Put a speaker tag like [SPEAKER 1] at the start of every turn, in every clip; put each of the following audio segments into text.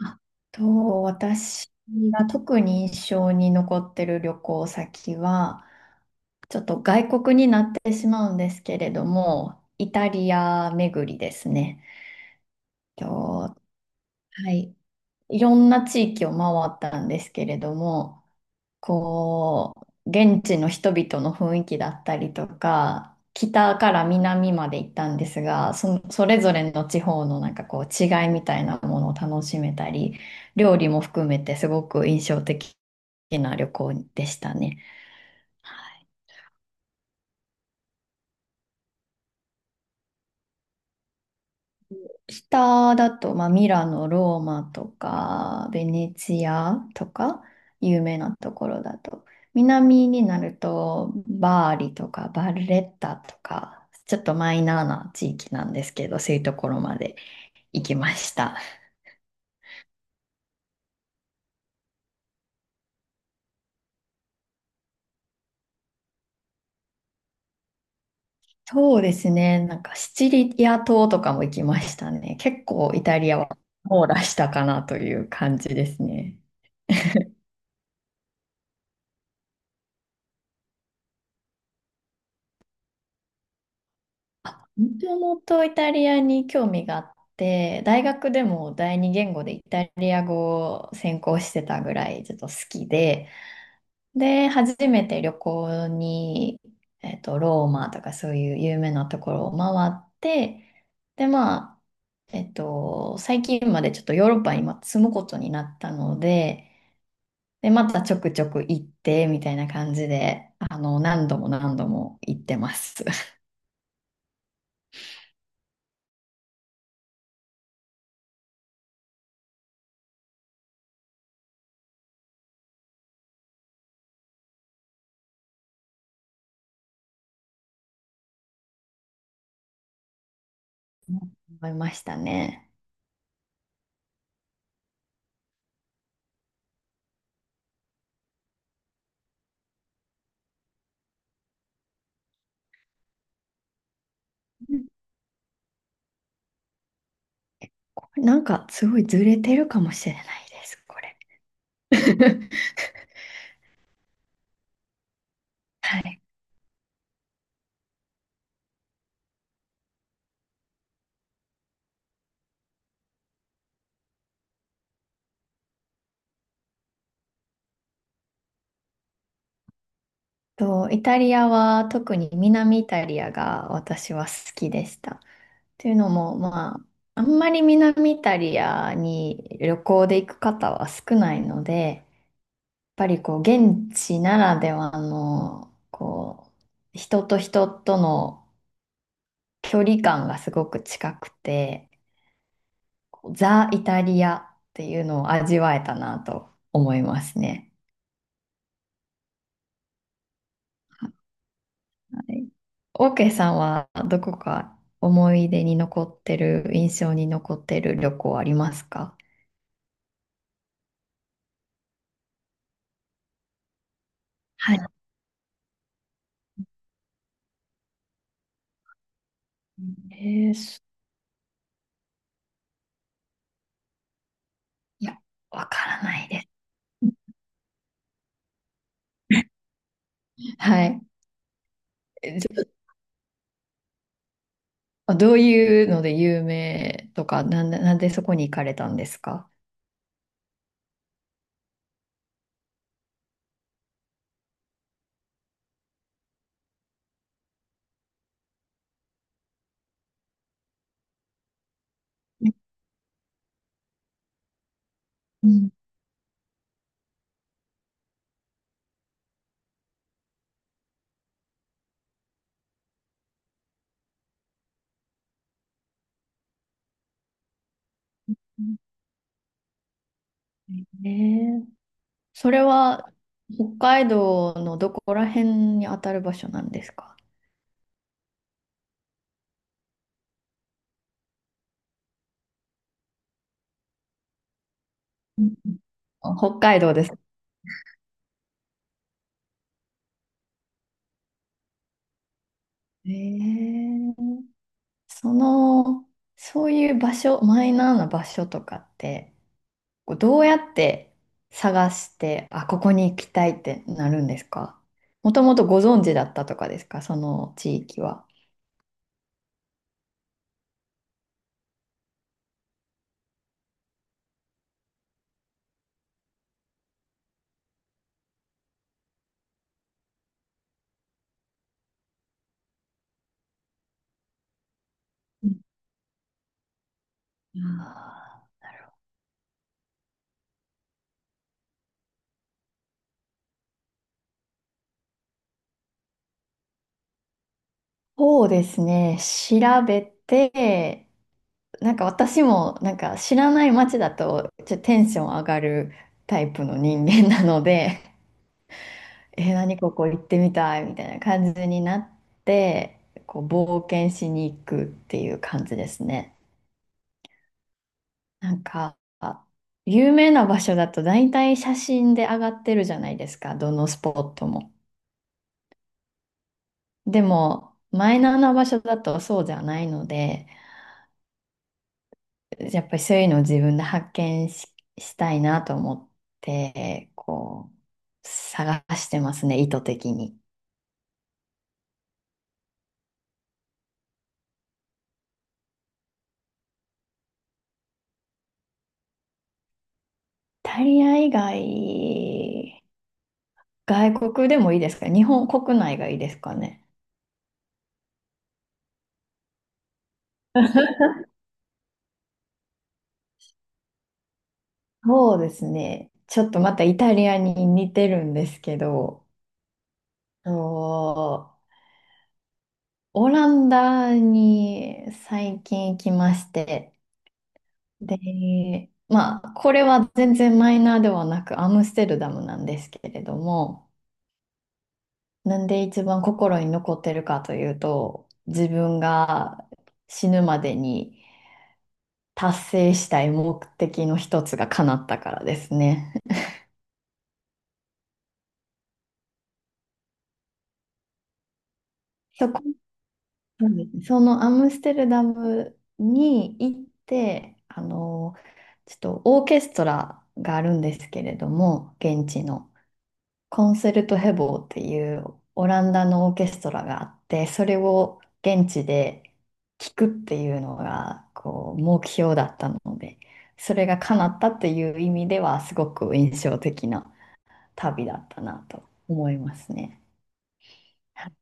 [SPEAKER 1] あ私が特に印象に残ってる旅行先は、ちょっと外国になってしまうんですけれども、イタリア巡りですね。はい。いろんな地域を回ったんですけれども、こ現地の人々の雰囲気だったりとか、北から南まで行ったんですが、それぞれの地方のなんかこう違いみたいなものを楽しめたり、料理も含めてすごく印象的な旅行でしたね。はい。下だと、まあ、ミラノ、ローマとか、ベネチアとか、有名なところだと。南になると、バーリとか、バルレッタとか、ちょっとマイナーな地域なんですけど、そういうところまで行きました。そうですね、なんかシチリア島とかも行きましたね。結構イタリアは網羅したかなという感じですね。もともとイタリアに興味があって、大学でも第二言語でイタリア語を専攻してたぐらいちょっと好きで、で、初めて旅行に、ローマとかそういう有名なところを回って、で、まあ、最近までちょっとヨーロッパに今住むことになったので、で、またちょくちょく行ってみたいな感じで、何度も何度も行ってます。思いましたね。これなんかすごいずれてるかもしれないです、これ。はい。と、イタリアは特に南イタリアが私は好きでした。というのも、まあ、あんまり南イタリアに旅行で行く方は少ないので、やっぱり、現地ならではの、人と人との距離感がすごく近くて、こうザ・イタリアっていうのを味わえたなと思いますね。はい。オーケーさんはどこか思い出に残ってる、印象に残ってる旅行ありますか？はい。えー、す、いや、わからないです。はい。え、ちょっとどういうので有名とか、なんで、なんでそこに行かれたんですか？うん。えー、それは北海道のどこら辺に当たる場所なんですか？うん、あ、北海道です。ええ、その、そういう場所、マイナーな場所とかって、どうやって探して、あ、ここに行きたいってなるんですか？もともとご存知だったとかですか、その地域は。うん、あー、そうですね、調べて、なんか私もなんか知らない街だとちょっとテンション上がるタイプの人間なので、えー、何ここ行ってみたいみたいな感じになって、こう冒険しに行くっていう感じですね。なんか、有名な場所だと大体写真で上がってるじゃないですか、どのスポットも。でも、マイナーな場所だとそうじゃないので、やっぱりそういうのを自分で発見し、たいなと思って、探してますね、意図的に。イタリア以外、外国でもいいですか、日本国内がいいですかね？そうですね。ちょっとまたイタリアに似てるんですけど、と、オランダに最近行きまして、で、まあ、これは全然マイナーではなくアムステルダムなんですけれども、なんで一番心に残ってるかというと、自分が死ぬまでに達成したい目的の一つが叶ったからですね。そこ、そうですね、そのアムステルダムに行って、ちょっとオーケストラがあるんですけれども、現地のコンセルトヘボーっていうオランダのオーケストラがあって、それを現地で聴くっていうのがこう目標だったので、それが叶ったっていう意味ではすごく印象的な旅だったなと思いますね。はい、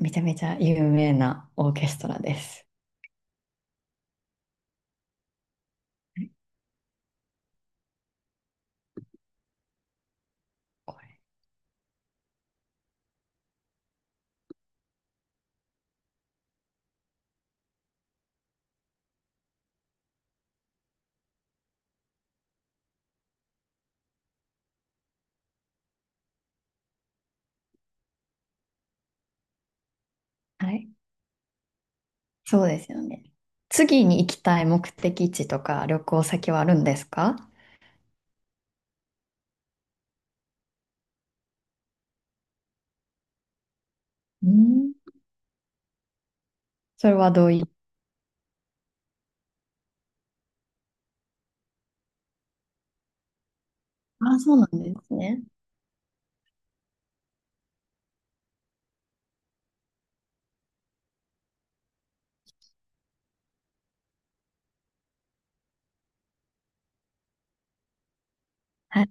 [SPEAKER 1] めちゃめちゃ有名なオーケストラです。これ、はい、そうですよね。次に行きたい目的地とか旅行先はあるんですか？うん。それはどうい、あ、そうなんですね。はい。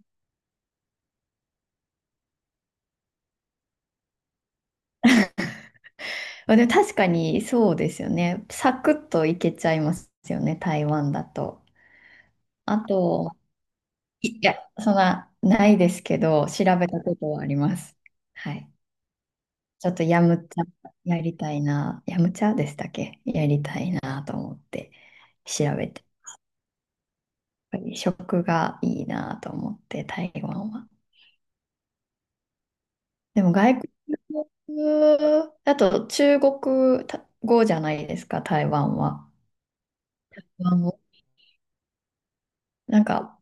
[SPEAKER 1] まあでも確かにそうですよね。サクッと行けちゃいますよね、台湾だと。あと、いいや、そんな、ないですけど、調べたことはあります。はい。ちょっとヤムチャやりたいな、ヤムチャでしたっけ、やりたいなと思って調べて、やっぱり食がいいなと思って、台湾は。でも外国、あと中国語じゃないですか、台湾は。あの、なんか、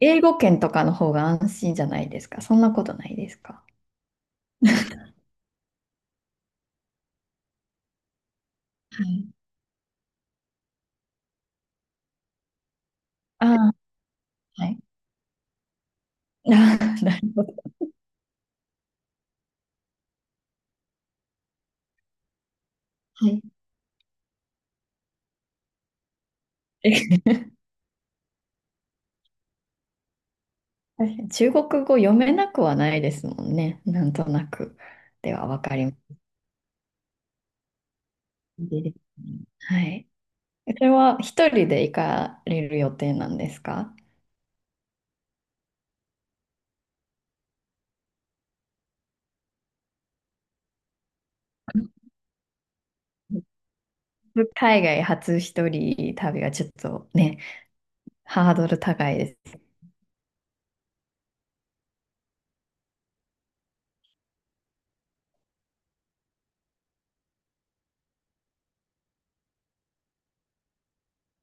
[SPEAKER 1] 英語圏とかの方が安心じゃないですか。そんなことないですか？はい。ああ、はい。ああ、なるほど。はい、え、確かに中国語読めなくはないですもんね。なんとなくでは分かります。いいですね、はい。それは一人で行かれる予定なんですか？海外初一人旅はちょっとね、ハードル高いです。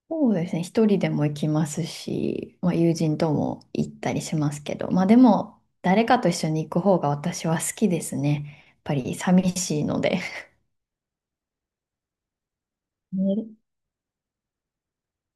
[SPEAKER 1] そうですね。一人でも行きますし、まあ、友人とも行ったりしますけど、まあでも、誰かと一緒に行く方が私は好きですね。やっぱり寂しいので。ね。